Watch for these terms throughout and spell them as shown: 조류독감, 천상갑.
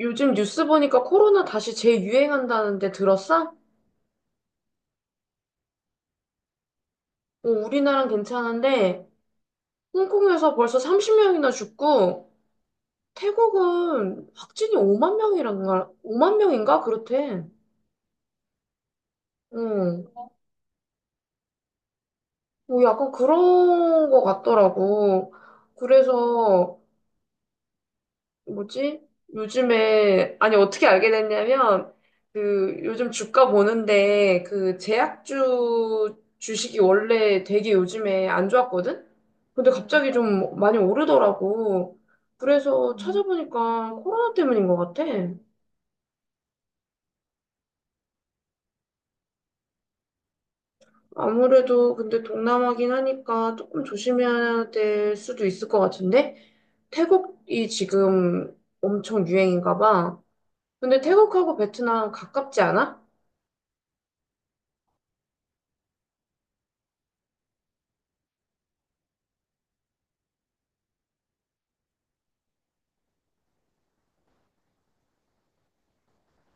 요즘 뉴스 보니까 코로나 다시 재유행한다는데 들었어? 어, 우리나라는 괜찮은데 홍콩에서 벌써 30명이나 죽고 태국은 확진이 5만 명이란가 5만 명인가 그렇대. 응. 뭐 약간 그런 거 같더라고. 그래서 뭐지? 요즘에, 아니, 어떻게 알게 됐냐면, 그, 요즘 주가 보는데, 그, 제약주 주식이 원래 되게 요즘에 안 좋았거든? 근데 갑자기 좀 많이 오르더라고. 그래서 찾아보니까 코로나 때문인 것 같아. 아무래도 근데 동남아긴 하니까 조금 조심해야 될 수도 있을 것 같은데? 태국이 지금 엄청 유행인가 봐. 근데 태국하고 베트남 가깝지 않아?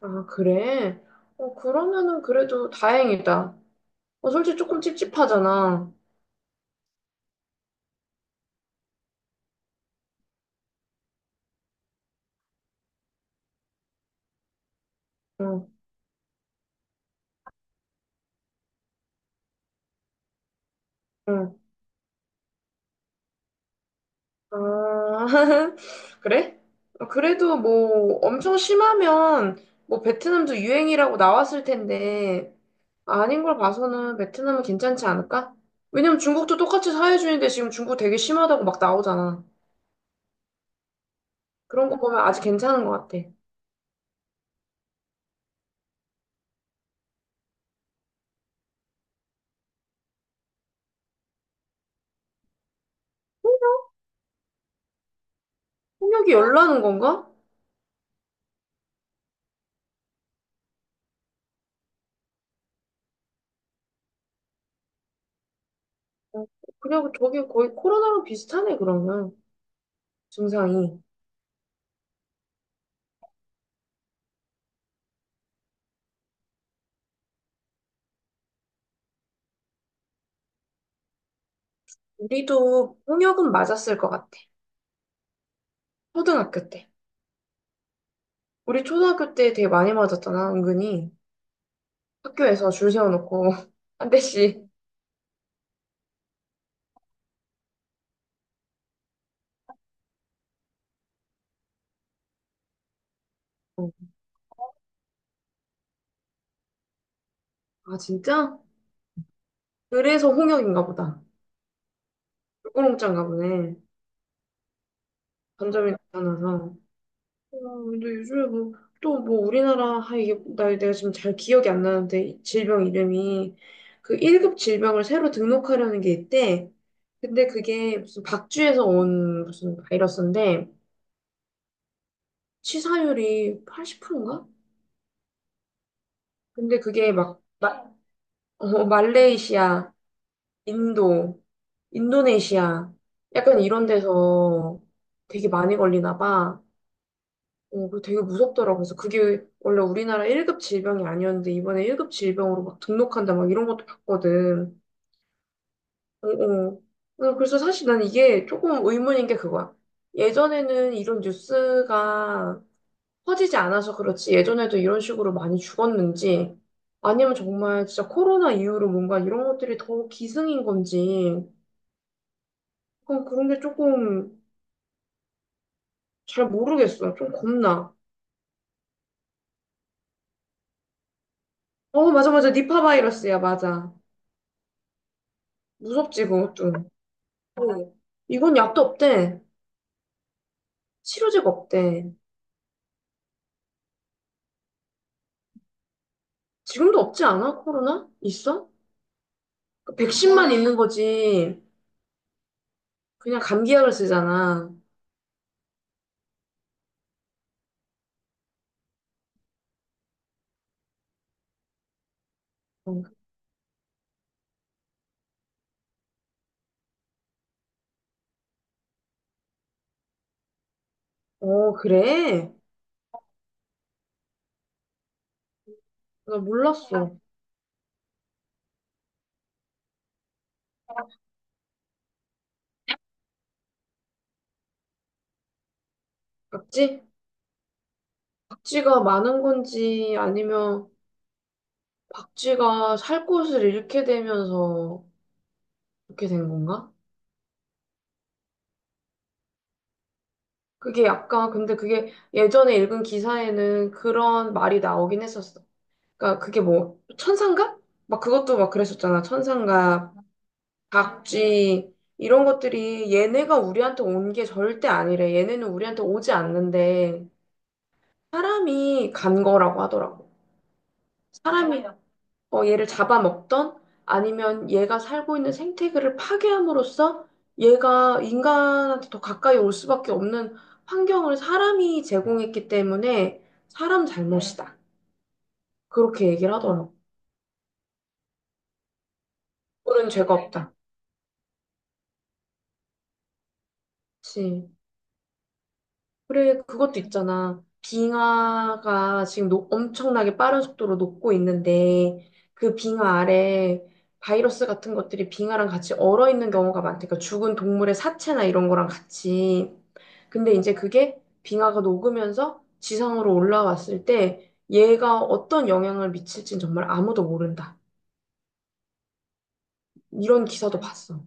아, 그래? 어, 그러면은 그래도 다행이다. 어, 솔직히 조금 찝찝하잖아. 응, 응. 아, 그래? 어, 그래도 뭐 엄청 심하면 뭐 베트남도 유행이라고 나왔을 텐데 아닌 걸 봐서는 베트남은 괜찮지 않을까? 왜냐면 중국도 똑같이 사회주의인데 지금 중국 되게 심하다고 막 나오잖아. 그런 거 보면 아직 괜찮은 것 같아. 폭력이 열나는 건가? 어, 그냥 저기 거의 코로나랑 비슷하네, 그러면. 증상이. 우리도 폭력은 맞았을 것 같아. 초등학교 때. 우리 초등학교 때 되게 많이 맞았잖아, 은근히. 학교에서 줄 세워놓고 한 대씩. 어. 아, 진짜? 그래서 홍역인가 보다. 꿀꼬롱짠가 보네. 반점이 나타나서. 어, 근데 요즘에 뭐, 또 뭐 우리나라, 아, 이게, 나 내가 지금 잘 기억이 안 나는데, 이 질병 이름이. 그 1급 질병을 새로 등록하려는 게 있대. 근데 그게 무슨 박쥐에서 온 무슨 바이러스인데, 치사율이 80%인가? 근데 그게 막 말레이시아, 인도, 인도네시아 약간 이런 데서 되게 많이 걸리나 봐. 어, 그 되게 무섭더라고. 그래서 그게 원래 우리나라 1급 질병이 아니었는데 이번에 1급 질병으로 막 등록한다 막 이런 것도 봤거든. 어, 어. 어, 그래서 사실 난 이게 조금 의문인 게 그거야. 예전에는 이런 뉴스가 퍼지지 않아서 그렇지 예전에도 이런 식으로 많이 죽었는지 아니면 정말 진짜 코로나 이후로 뭔가 이런 것들이 더 기승인 건지 그건 그런 게 조금 잘 모르겠어. 좀 겁나. 어, 맞아, 맞아. 니파 바이러스야, 맞아. 무섭지, 그것도. 응. 이건 약도 없대. 치료제가 없대. 지금도 없지 않아? 코로나? 있어? 그 백신만 있는 거지. 그냥 감기약을 쓰잖아. 어, 어, 그래? 나 몰랐어. 맞지? 박쥐가 많은 건지 아니면 박쥐가 살 곳을 잃게 되면서 그렇게 된 건가? 그게 약간 근데 그게 예전에 읽은 기사에는 그런 말이 나오긴 했었어. 그러니까 그게 뭐 천상갑? 막 그것도 막 그랬었잖아. 천상갑, 박쥐 이런 것들이 얘네가 우리한테 온 게 절대 아니래. 얘네는 우리한테 오지 않는데 사람이 간 거라고 하더라고. 사람이 어, 얘를 잡아먹던 아니면 얘가 살고 있는 생태계를 파괴함으로써 얘가 인간한테 더 가까이 올 수밖에 없는 환경을 사람이 제공했기 때문에 사람 네. 잘못이다. 그렇게 얘기를 하더라고. 우리는 죄가 네. 없다. 그지 그래, 그것도 있잖아. 빙하가 지금 엄청나게 빠른 속도로 녹고 있는데, 그 빙하 아래 바이러스 같은 것들이 빙하랑 같이 얼어 있는 경우가 많다니까, 죽은 동물의 사체나 이런 거랑 같이. 근데 이제 그게 빙하가 녹으면서 지상으로 올라왔을 때, 얘가 어떤 영향을 미칠진 정말 아무도 모른다. 이런 기사도 봤어.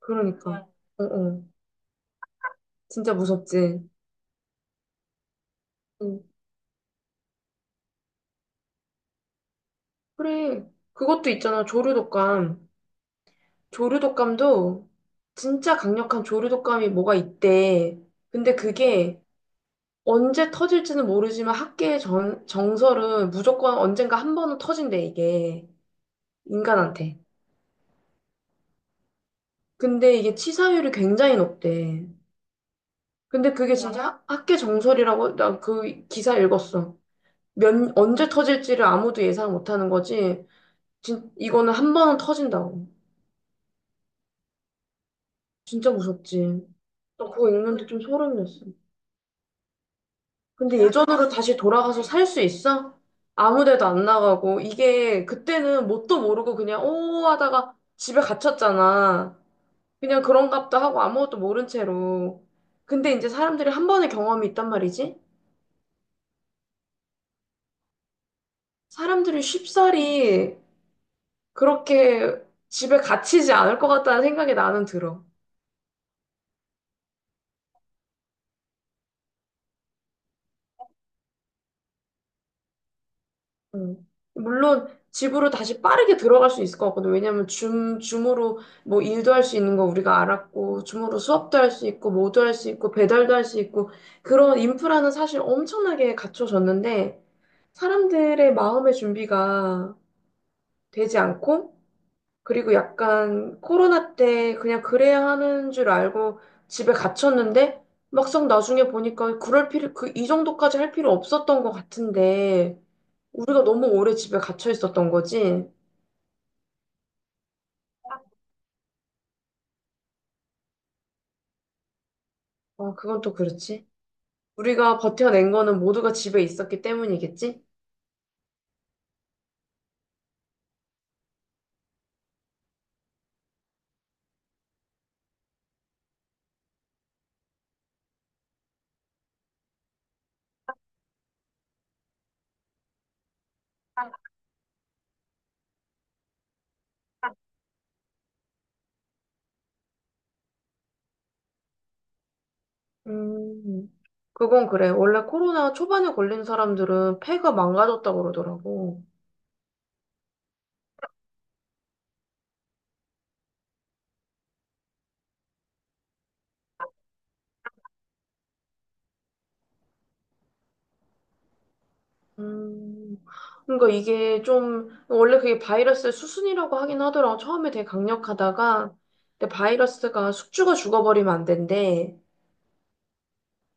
그러니까. 음. 어, 어. 진짜 무섭지. 응. 그래. 그것도 있잖아. 조류 독감. 조류독감도 진짜 강력한 조류독감이 뭐가 있대. 근데 그게 언제 터질지는 모르지만 학계의 정설은 무조건 언젠가 한 번은 터진대, 이게. 인간한테. 근데 이게 치사율이 굉장히 높대. 근데 그게 진짜 학계 정설이라고 나 그 기사 읽었어. 언제 터질지를 아무도 예상 못하는 거지. 이거는 한 번은 터진다고. 진짜 무섭지. 나 그거 읽는데 좀 소름이었어. 근데 예전으로 다시 돌아가서 살 수 있어? 아무 데도 안 나가고, 이게 그때는 뭣도 모르고 그냥 오 하다가 집에 갇혔잖아. 그냥 그런가 보다 하고 아무것도 모른 채로. 근데 이제 사람들이 한 번의 경험이 있단 말이지? 사람들이 쉽사리 그렇게 집에 갇히지 않을 것 같다는 생각이 나는 들어. 음. 물론 집으로 다시 빠르게 들어갈 수 있을 것 같거든. 왜냐면 줌으로 뭐 일도 할 수 있는 거 우리가 알았고, 줌으로 수업도 할 수 있고, 뭐도 할 수 있고, 배달도 할 수 있고, 그런 인프라는 사실 엄청나게 갖춰졌는데, 사람들의 마음의 준비가 되지 않고, 그리고 약간 코로나 때 그냥 그래야 하는 줄 알고 집에 갇혔는데 막상 나중에 보니까 그 이 정도까지 할 필요 없었던 것 같은데 우리가 너무 오래 집에 갇혀 있었던 거지. 아, 그건 또 그렇지. 우리가 버텨낸 거는 모두가 집에 있었기 때문이겠지? 음, 그건 그래. 원래 코로나 초반에 걸린 사람들은 폐가 망가졌다고 그러더라고. 음, 그러니까 이게 좀, 원래 그게 바이러스의 수순이라고 하긴 하더라고. 처음에 되게 강력하다가, 근데 바이러스가 숙주가 죽어버리면 안 된대.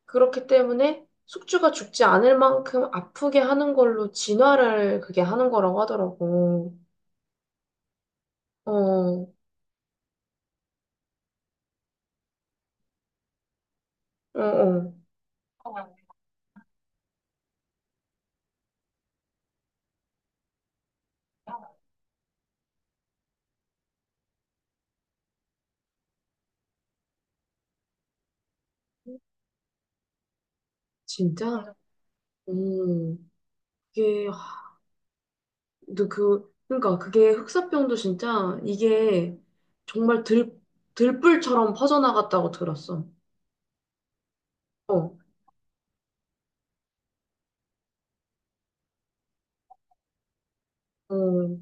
그렇기 때문에 숙주가 죽지 않을 만큼 아프게 하는 걸로 진화를 그게 하는 거라고 하더라고. 어, 어, 어. 진짜? 음, 이게, 하, 근데 그, 그러니까 그게 흑사병도 진짜 이게 정말 들불처럼 퍼져나갔다고 들었어. 어. 어,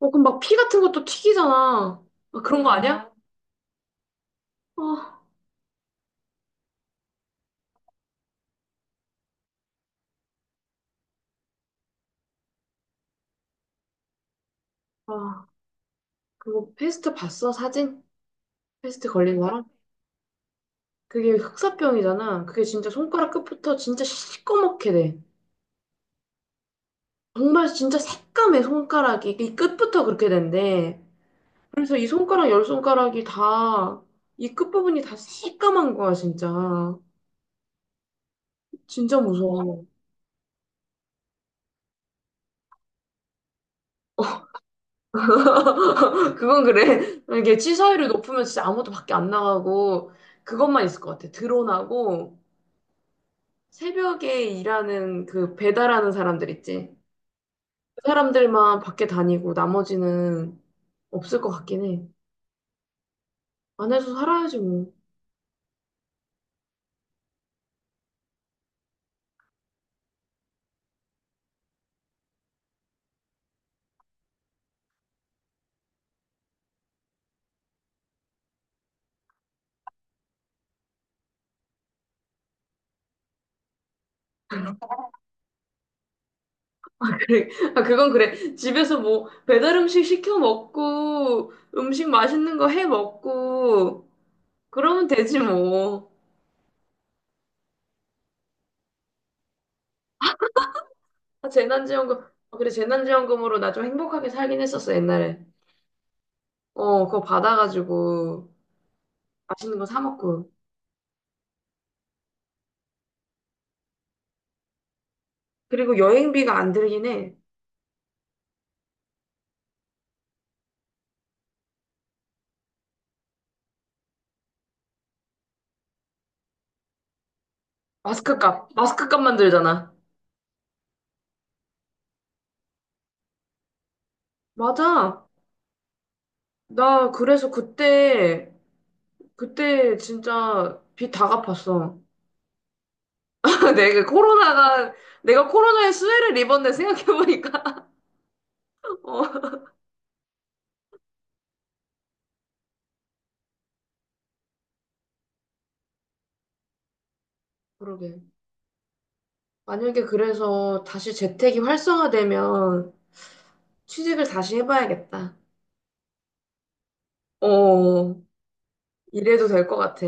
어, 그럼 막 피 같은 것도 튀기잖아. 아, 그런 거 아니야? 아, 어, 아, 그거 패스트 봤어? 사진? 패스트 걸린 사람? 그게 흑사병이잖아. 그게 진짜 손가락 끝부터 진짜 시꺼멓게 돼. 정말 진짜 새까매 손가락이 이 끝부터 그렇게 된대. 그래서 이 손가락 열 손가락이 다 이 끝부분이 다 새까만 거야 진짜. 진짜 무서워. 그건 그래. 이게 취사율이 높으면 진짜 아무도 밖에 안 나가고 그것만 있을 것 같아. 드론하고 새벽에 일하는 그 배달하는 사람들 있지. 그 사람들만 밖에 다니고 나머지는 없을 것 같긴 해. 안에서 살아야지 뭐. 그래. 아, 그건 그래. 집에서 뭐 배달 음식 시켜 먹고 음식 맛있는 거 해 먹고 그러면 되지 뭐. 아, 재난지원금. 아, 그래 재난지원금으로 나 좀 행복하게 살긴 했었어 옛날에. 어, 그거 받아가지고 맛있는 거 사 먹고. 그리고 여행비가 안 들긴 해. 마스크 값. 마스크 값만 들잖아. 맞아. 나 그래서 그때, 그때 진짜 빚 다 갚았어. 내가 코로나가, 내가 코로나에 수혜를 입었네 생각해보니까. 어, 그러게. 만약에 그래서 다시 재택이 활성화되면 취직을 다시 해봐야겠다. 어, 이래도 될 것 같아.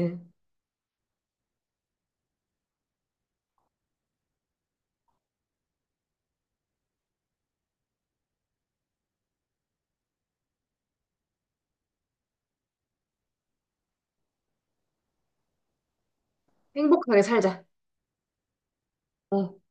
행복하게 살자. 어.